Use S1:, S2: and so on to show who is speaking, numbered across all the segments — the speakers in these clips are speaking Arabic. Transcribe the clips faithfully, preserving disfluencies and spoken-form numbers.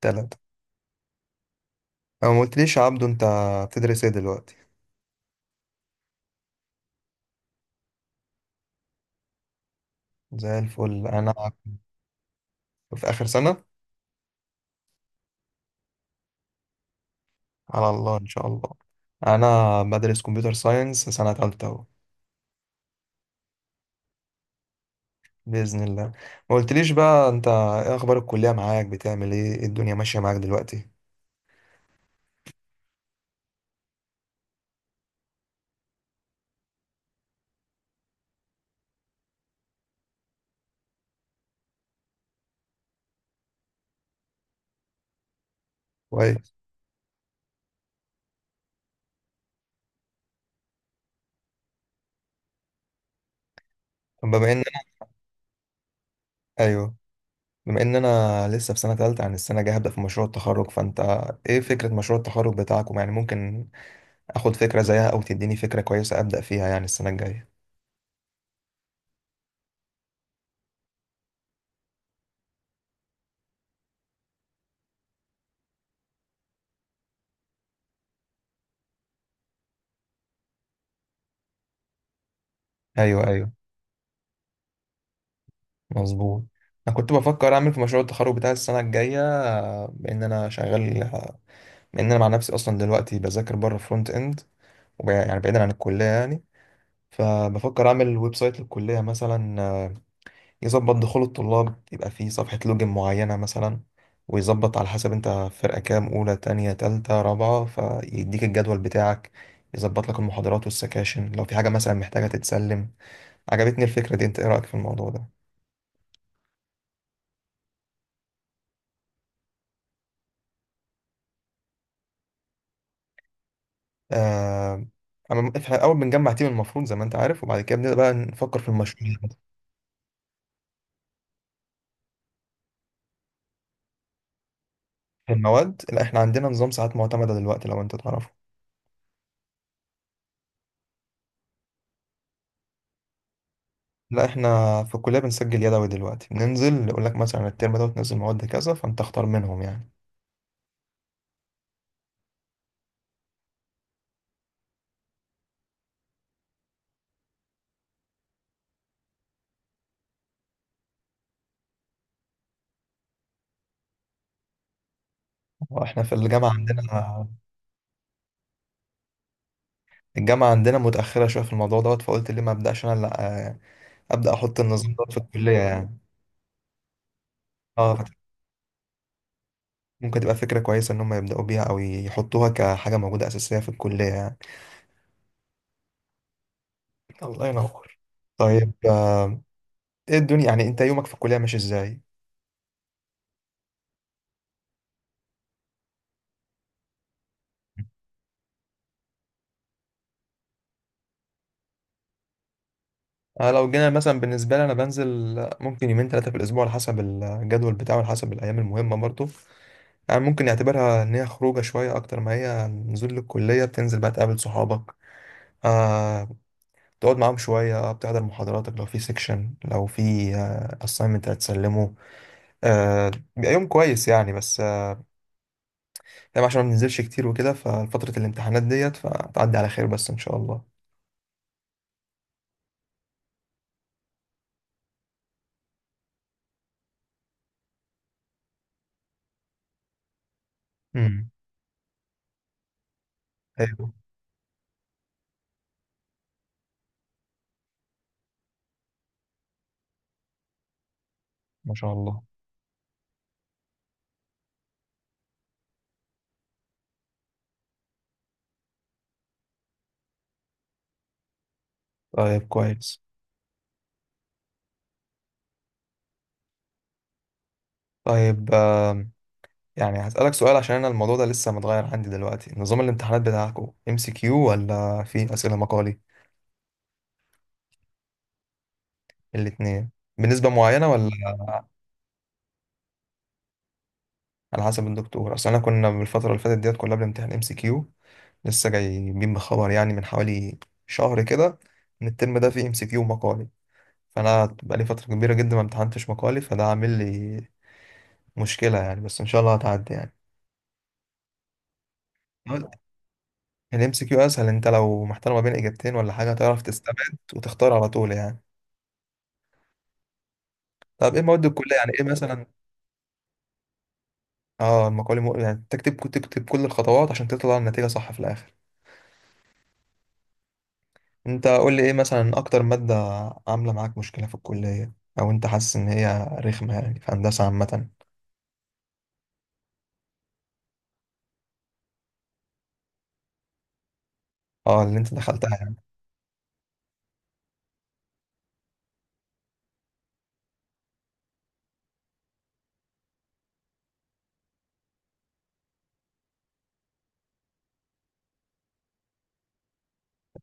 S1: تلاتة. أو ما قلتليش يا عبدو، أنت بتدرس إيه دلوقتي؟ زي الفل. أنا في آخر سنة. على الله إن شاء الله. أنا بدرس كمبيوتر ساينس سنة تالتة أهو. بإذن الله. ما قلتليش بقى أنت، إيه أخبار الكلية معاك، بتعمل إيه، إيه الدنيا ماشية معاك دلوقتي؟ كويس. طب بما إن أنا، أيوه، بما إن أنا لسه في سنة تالتة، عن السنة الجاية هبدأ في مشروع التخرج، فأنت إيه فكرة مشروع التخرج بتاعكم؟ يعني ممكن آخد فكرة زيها أو تديني فكرة كويسة أبدأ فيها يعني السنة الجاية. أيوه، أيوه، مظبوط. انا كنت بفكر اعمل في مشروع التخرج بتاع السنه الجايه، آه، بان انا شغال، آه، بان انا مع نفسي اصلا دلوقتي بذاكر بره فرونت اند. وب- يعني بعيدا عن الكليه يعني. فبفكر اعمل ويب سايت للكليه مثلا، آه، يظبط دخول الطلاب، يبقى فيه صفحه لوجن معينه مثلا، ويظبط على حسب انت فرقه كام، اولى تانية تالتة رابعه، فيديك الجدول بتاعك، يظبط لك المحاضرات والسكاشن لو في حاجه مثلا محتاجه تتسلم. عجبتني الفكره دي، انت ايه رايك في الموضوع ده؟ آه، أما إحنا أول بنجمع تيم المفروض زي ما أنت عارف، وبعد كده بنبدأ بقى نفكر في المشروع. في المواد، لا، إحنا عندنا نظام ساعات معتمدة دلوقتي لو أنت تعرفه. لا، إحنا في الكلية بنسجل يدوي دلوقتي، بننزل يقول لك مثلا الترم ده وتنزل مواد كذا فأنت اختار منهم يعني. وإحنا في الجامعة عندنا، الجامعة عندنا متأخرة شوية في الموضوع دوت، فقلت ليه ما أبدأش أنا لا، آه، أبدأ أحط النظام دوت في الكلية يعني. أه فت- ممكن تبقى فكرة كويسة إن هم يبدأوا بيها أو يحطوها كحاجة موجودة أساسية في الكلية يعني. الله ينور. طيب، آه، ايه الدنيا، يعني انت يومك في الكليه ماشي ازاي؟ انا لو جينا مثلا بالنسبه لي، انا بنزل ممكن يومين ثلاثه في الاسبوع على حسب الجدول بتاعه، على حسب الايام المهمه برضه. يعني ممكن نعتبرها ان هي خروجه شويه اكتر ما هي نزول للكليه. بتنزل بقى تقابل صحابك، آه تقعد معاهم شويه، بتحضر محاضراتك، لو في سيكشن، لو في اساينمنت هتسلمه، آه بيبقى يوم كويس يعني. بس آه يعني عشان ما بننزلش كتير وكده، ففتره الامتحانات ديت فتعدي على خير بس ان شاء الله. امم حلو. ما شاء الله. طيب كويس. طيب، آم، يعني هسألك سؤال عشان أنا الموضوع ده لسه متغير عندي دلوقتي. نظام الامتحانات بتاعكم ام سي كيو ولا في أسئلة مقالي؟ الاتنين. بنسبة معينة ولا؟ على حسب الدكتور. أصل أنا كنا بالفترة اللي فاتت ديت كلها بنمتحن ام سي كيو، لسه جايبين بخبر يعني من حوالي شهر كده إن الترم ده فيه ام سي كيو مقالي، فأنا بقالي فترة كبيرة جدا ما امتحنتش مقالي فده عامل لي مشكلة يعني. بس إن شاء الله هتعدي. يعني الام سي كيو اسهل، انت لو محتار ما بين اجابتين ولا حاجه هتعرف تستبعد وتختار على طول يعني. طب ايه مواد الكليه، يعني ايه مثلا؟ اه المقالي مو... يعني تكتب تكتب كل الخطوات عشان تطلع النتيجه صح في الاخر. انت قول لي ايه مثلا اكتر ماده عامله معاك مشكله في الكليه، او انت حاسس ان هي رخمه يعني، في هندسه عامه؟ اه اللي انت دخلتها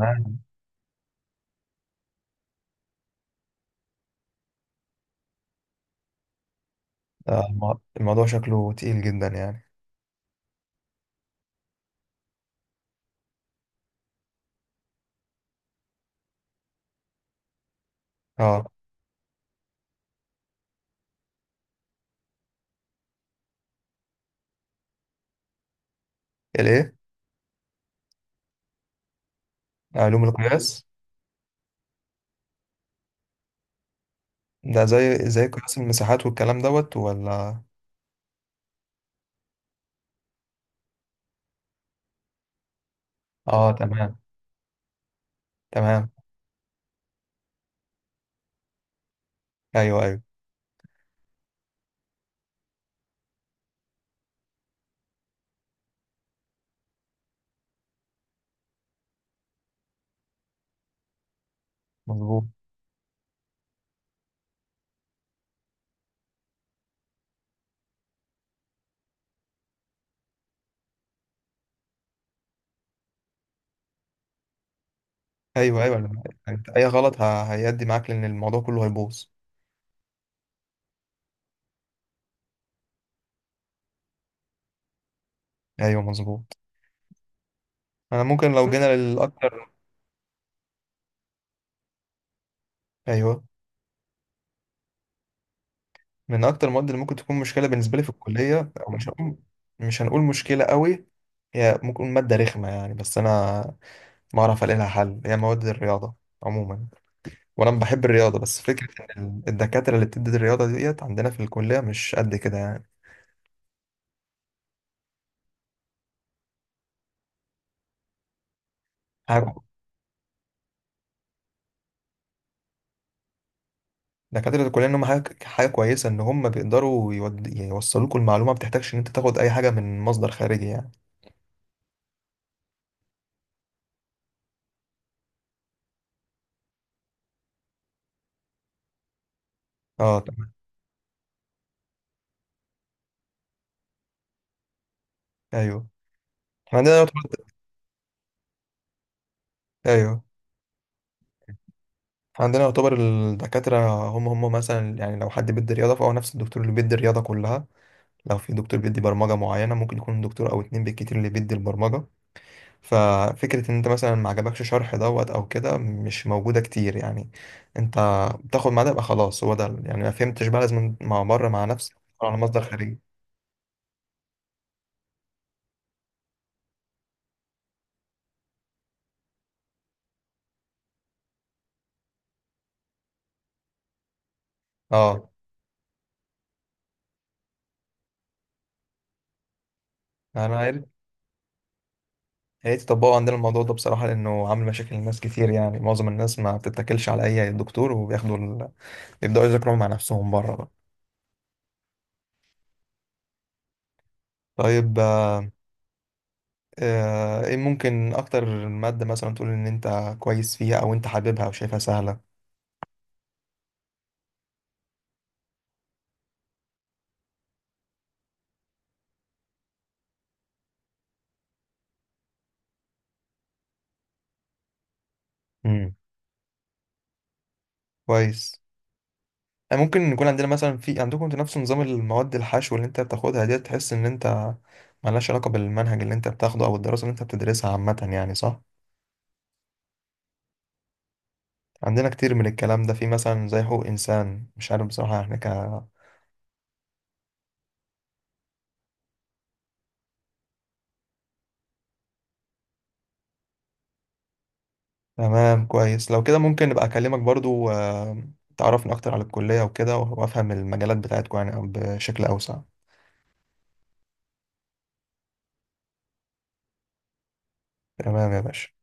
S1: يعني. آه، الم- الموضوع شكله تقيل جدا يعني. اه. الايه؟ علوم القياس. ده زي زي قياس المساحات والكلام دوت ولا؟ اه تمام. تمام. ايوه، ايوه، مظبوط. ايوه، ايوه، لما- انت اي غلط ه- هيأدي معاك لان الموضوع كله هيبوظ. ايوه مظبوط. انا ممكن لو جينا للاكتر، ايوه، من اكتر المواد اللي ممكن تكون مشكله بالنسبه لي في الكليه، او مش هقول، مش هنقول مشكله قوي، هي ممكن ماده رخمه يعني، بس انا ما اعرف الاقي لها حل، هي مواد الرياضه عموما. وانا بحب الرياضه بس فكره ان ال- الدكاتره اللي بتدي الرياضه ديت عندنا في الكليه مش قد كده يعني. دكاترة الكلية إن هم حاجة حاجة كويسة، إن هم بيقدروا يود... يوصلوكوا المعلومة، ما بتحتاجش إن أنت تاخد أي حاجة من مصدر خارجي يعني. أه تمام. أيوه. إحنا عندنا يعتبر، أيوه، إحنا عندنا يعتبر الدكاترة هم هم مثلا، يعني لو حد بيدي رياضة فهو نفس الدكتور اللي بيدي الرياضة كلها. لو في دكتور بيدي برمجة معينة ممكن يكون دكتور أو اتنين بالكتير اللي بيدي البرمجة. ففكرة إن أنت مثلا ما عجبكش شرح دوت أو كده مش موجودة كتير يعني. أنت بتاخد معاه ده يبقى خلاص هو ده يعني، ما فهمتش بقى لازم مع بره مع نفسك على مصدر خارجي. اه. انا يا ريت، يا ريت يطبقوا عندنا الموضوع ده بصراحه لانه عامل مشاكل لناس كتير يعني. معظم الناس ما بتتكلش على اي دكتور وبياخدوا ال... يبداوا يذاكروا مع نفسهم بره بقى. طيب، آه، ايه ممكن اكتر ماده مثلا تقول ان انت كويس فيها او انت حاببها او شايفها سهله؟ امم. كويس. آه، ممكن يكون عندنا مثلا، في عندكم انتوا نفس نظام المواد الحشو اللي انت بتاخدها ديت، تحس ان انت ملهاش علاقه بالمنهج اللي انت بتاخده او الدراسه اللي انت بتدرسها عامه يعني، صح؟ عندنا كتير من الكلام ده، في مثلا زي حقوق إنسان مش عارف بصراحة احنا ك. تمام كويس. لو كده ممكن نبقى أكلمك برضو، آه، تعرفني أكتر على الكلية وكده وأفهم المجالات بتاعتكم يعني بشكل أوسع. تمام يا باشا.